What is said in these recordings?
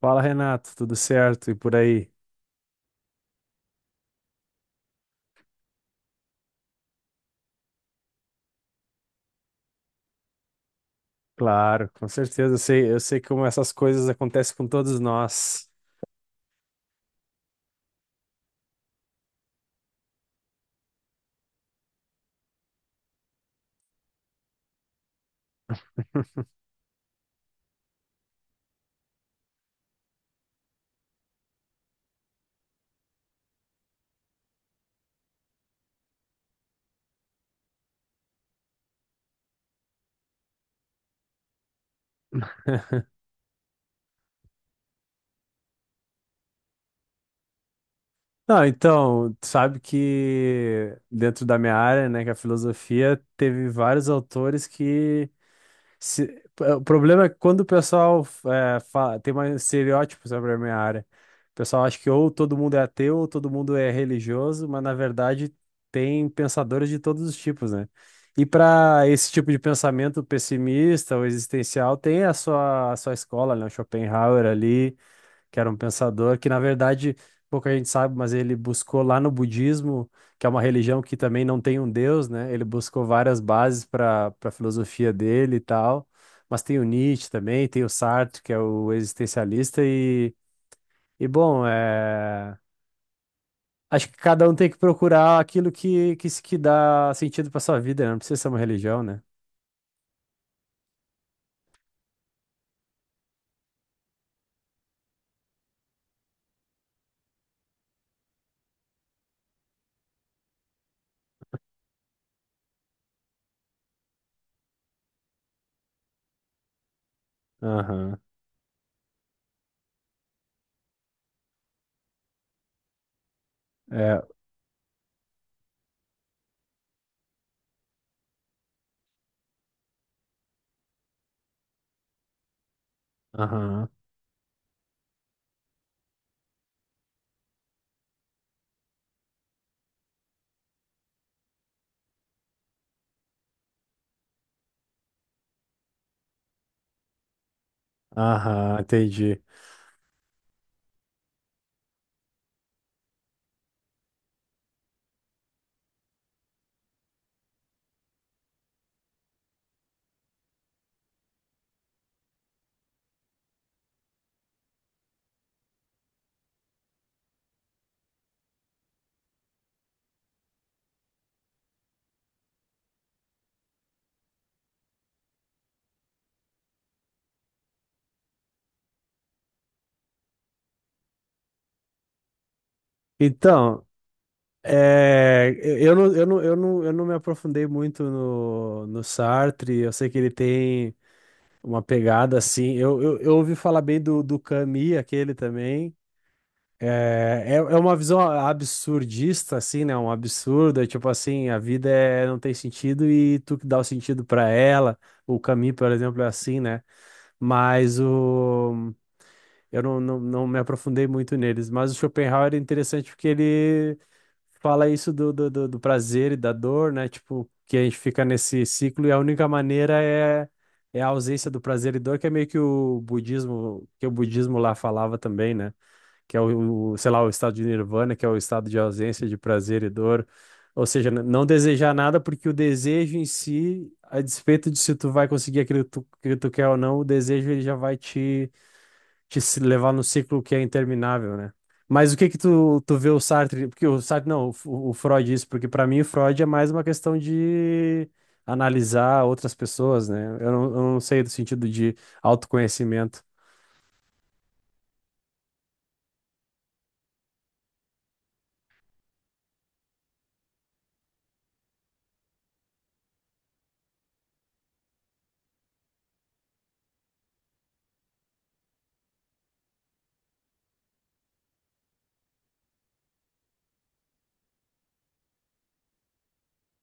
Fala, Renato, tudo certo? E por aí? Claro, com certeza. Eu sei como essas coisas acontecem com todos nós. Não, então, tu sabe que dentro da minha área, né, que é a filosofia, teve vários autores que o problema é que quando o pessoal tem mais estereótipos sobre a minha área. O pessoal acha que ou todo mundo é ateu ou todo mundo é religioso, mas na verdade tem pensadores de todos os tipos, né? E para esse tipo de pensamento pessimista ou existencial, tem a sua escola, né? O Schopenhauer ali, que era um pensador que, na verdade, pouca gente sabe, mas ele buscou lá no budismo, que é uma religião que também não tem um deus, né? Ele buscou várias bases para a filosofia dele e tal. Mas tem o Nietzsche também, tem o Sartre, que é o existencialista, e bom, acho que cada um tem que procurar aquilo que, se- que dá sentido para sua vida, né? Não precisa ser uma religião, né? Aham, é, aham, aham, entendi. Então, é, eu não me aprofundei muito no Sartre, eu sei que ele tem uma pegada assim. Eu ouvi falar bem do Camus, aquele também. É uma visão absurdista, assim, né? Um absurdo, é tipo assim, a vida é, não tem sentido e tu que dá o sentido pra ela. O Camus, por exemplo, é assim, né? Mas o, eu não me aprofundei muito neles, mas o Schopenhauer é interessante porque ele fala isso do prazer e da dor, né? Tipo, que a gente fica nesse ciclo e a única maneira é, é a ausência do prazer e dor, que é meio que o budismo lá falava também, né? Que é sei lá, o estado de nirvana, que é o estado de ausência de prazer e dor. Ou seja, não desejar nada porque o desejo em si, a despeito de se tu vai conseguir aquilo que tu quer ou não, o desejo ele já vai te te se levar no ciclo que é interminável, né? Mas o que que tu vê o Sartre, porque o Sartre, não, o Freud isso, porque para mim o Freud é mais uma questão de analisar outras pessoas, né? Eu não sei do sentido de autoconhecimento.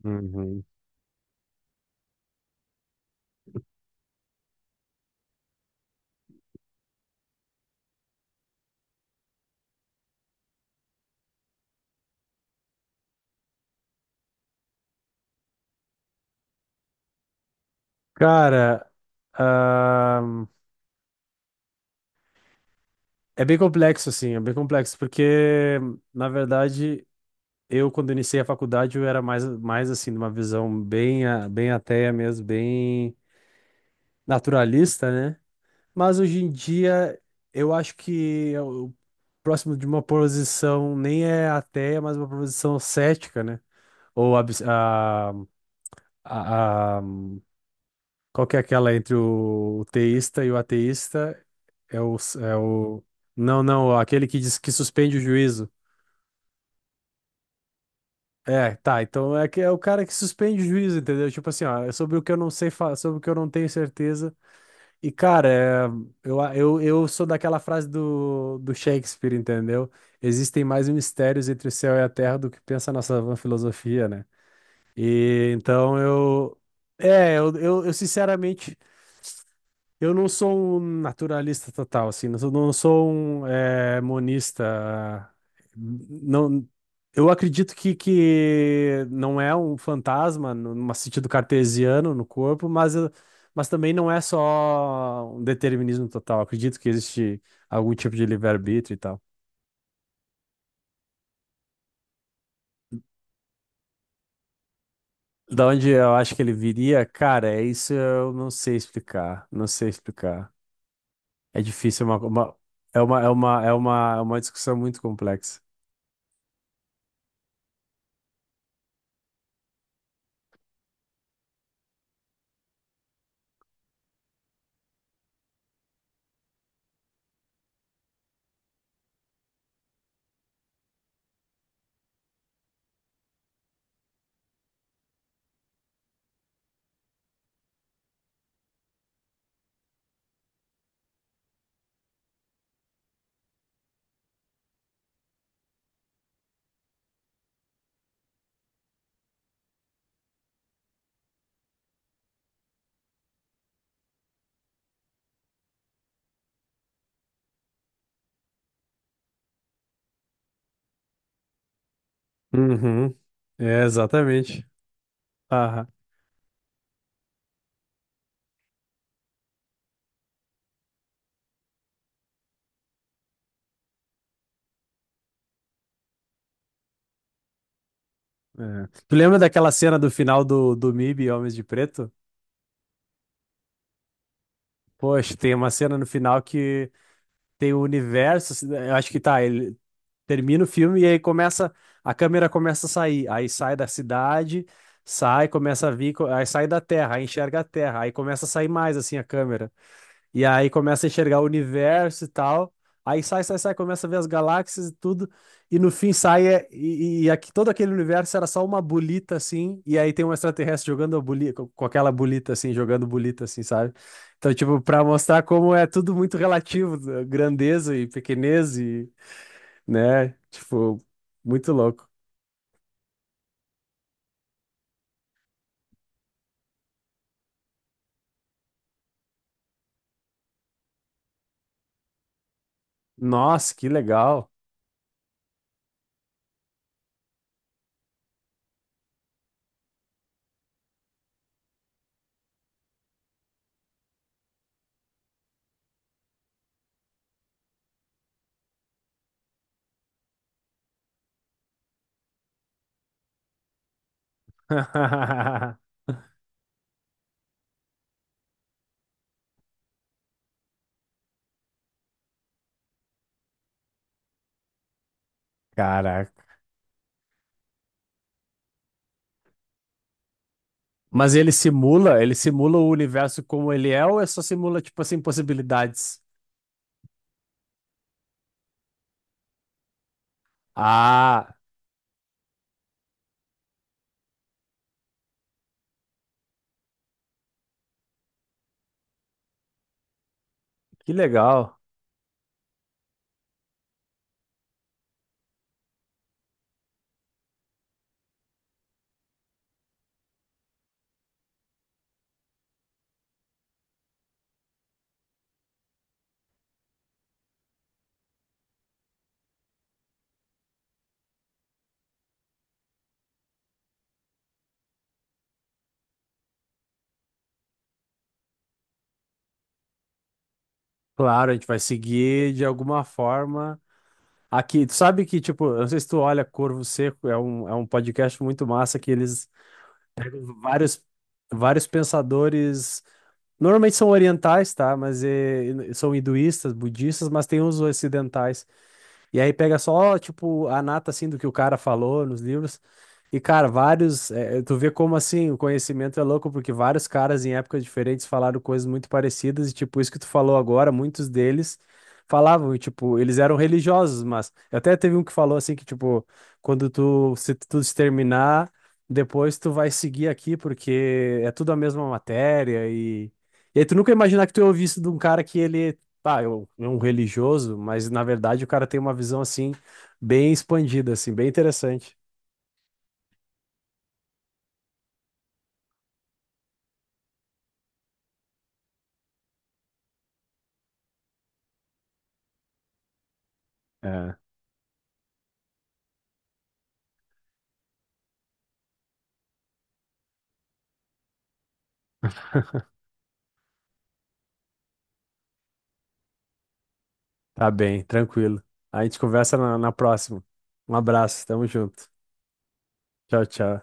Uhum. Cara, ahn, é bem complexo, assim, é bem complexo, porque, na verdade, eu, quando iniciei a faculdade, eu era mais, mais assim, de uma visão bem, a- bem ateia mesmo, bem naturalista, né? Mas hoje em dia, eu acho que é o próximo de uma posição nem é ateia, mas uma posição cética, né? Ou abs- a- qual que é aquela entre o teísta e o ateísta? É o, é o. Não, não, aquele que diz que suspende o juízo. É, tá, então é, que é o cara que suspende o juízo, entendeu? Tipo assim, ó, é sobre o que eu não sei, sobre o que eu não tenho certeza. E, cara, é, eu sou daquela frase do Shakespeare, entendeu? Existem mais mistérios entre o céu e a terra do que pensa a nossa vã filosofia, né? E então eu. É, sinceramente eu não sou um naturalista total, assim, não sou um monista. Não, eu acredito que não é um fantasma, no num sentido cartesiano no corpo, mas, mas também não é só um determinismo total. Acredito que existe algum tipo de livre-arbítrio e tal. Da onde eu acho que ele viria, cara, é isso eu não sei explicar, não sei explicar. É difícil, é uma, é uma discussão muito complexa. Uhum. É, exatamente. Aham. É. Tu lembra daquela cena do final do MIB, Homens de Preto? Poxa, tem uma cena no final que tem o universo assim. Eu acho que tá, ele termina o filme e aí começa. A câmera começa a sair. Aí sai da cidade, sai, começa a vir, aí sai da Terra, aí enxerga a Terra, aí começa a sair mais assim a câmera. E aí começa a enxergar o universo e tal. Aí começa a ver as galáxias e tudo. E no fim sai e aqui, todo aquele universo era só uma bolita assim. E aí tem um extraterrestre jogando a bolita, com aquela bolita assim, jogando bolita assim, sabe? Então, tipo, pra mostrar como é tudo muito relativo, né, grandeza e pequenez e, né? Tipo, muito louco. Nossa, que legal. Caraca. Mas ele simula o universo como ele é ou é só simula, tipo assim, possibilidades? Ah, que legal. Claro, a gente vai seguir de alguma forma. Aqui, tu sabe que, tipo, eu não sei se tu olha Corvo Seco, é um podcast muito massa que eles, vários, vários pensadores, normalmente são orientais, tá? Mas são hinduístas, budistas, mas tem os ocidentais. E aí pega só, tipo, a nata, assim, do que o cara falou nos livros. E, cara, vários. Tu vê como, assim, o conhecimento é louco, porque vários caras em épocas diferentes falaram coisas muito parecidas. E, tipo, isso que tu falou agora, muitos deles falavam, e, tipo, eles eram religiosos, mas. Até teve um que falou, assim, que, tipo, quando tu se terminar, depois tu vai seguir aqui, porque é tudo a mesma matéria. E aí tu nunca imaginar que tu ia ouvir isso de um cara que ele tá, eu, é um religioso, mas na verdade o cara tem uma visão assim, bem expandida, assim, bem interessante. É, tá bem, tranquilo. A gente conversa na próxima. Um abraço, tamo junto. Tchau, tchau.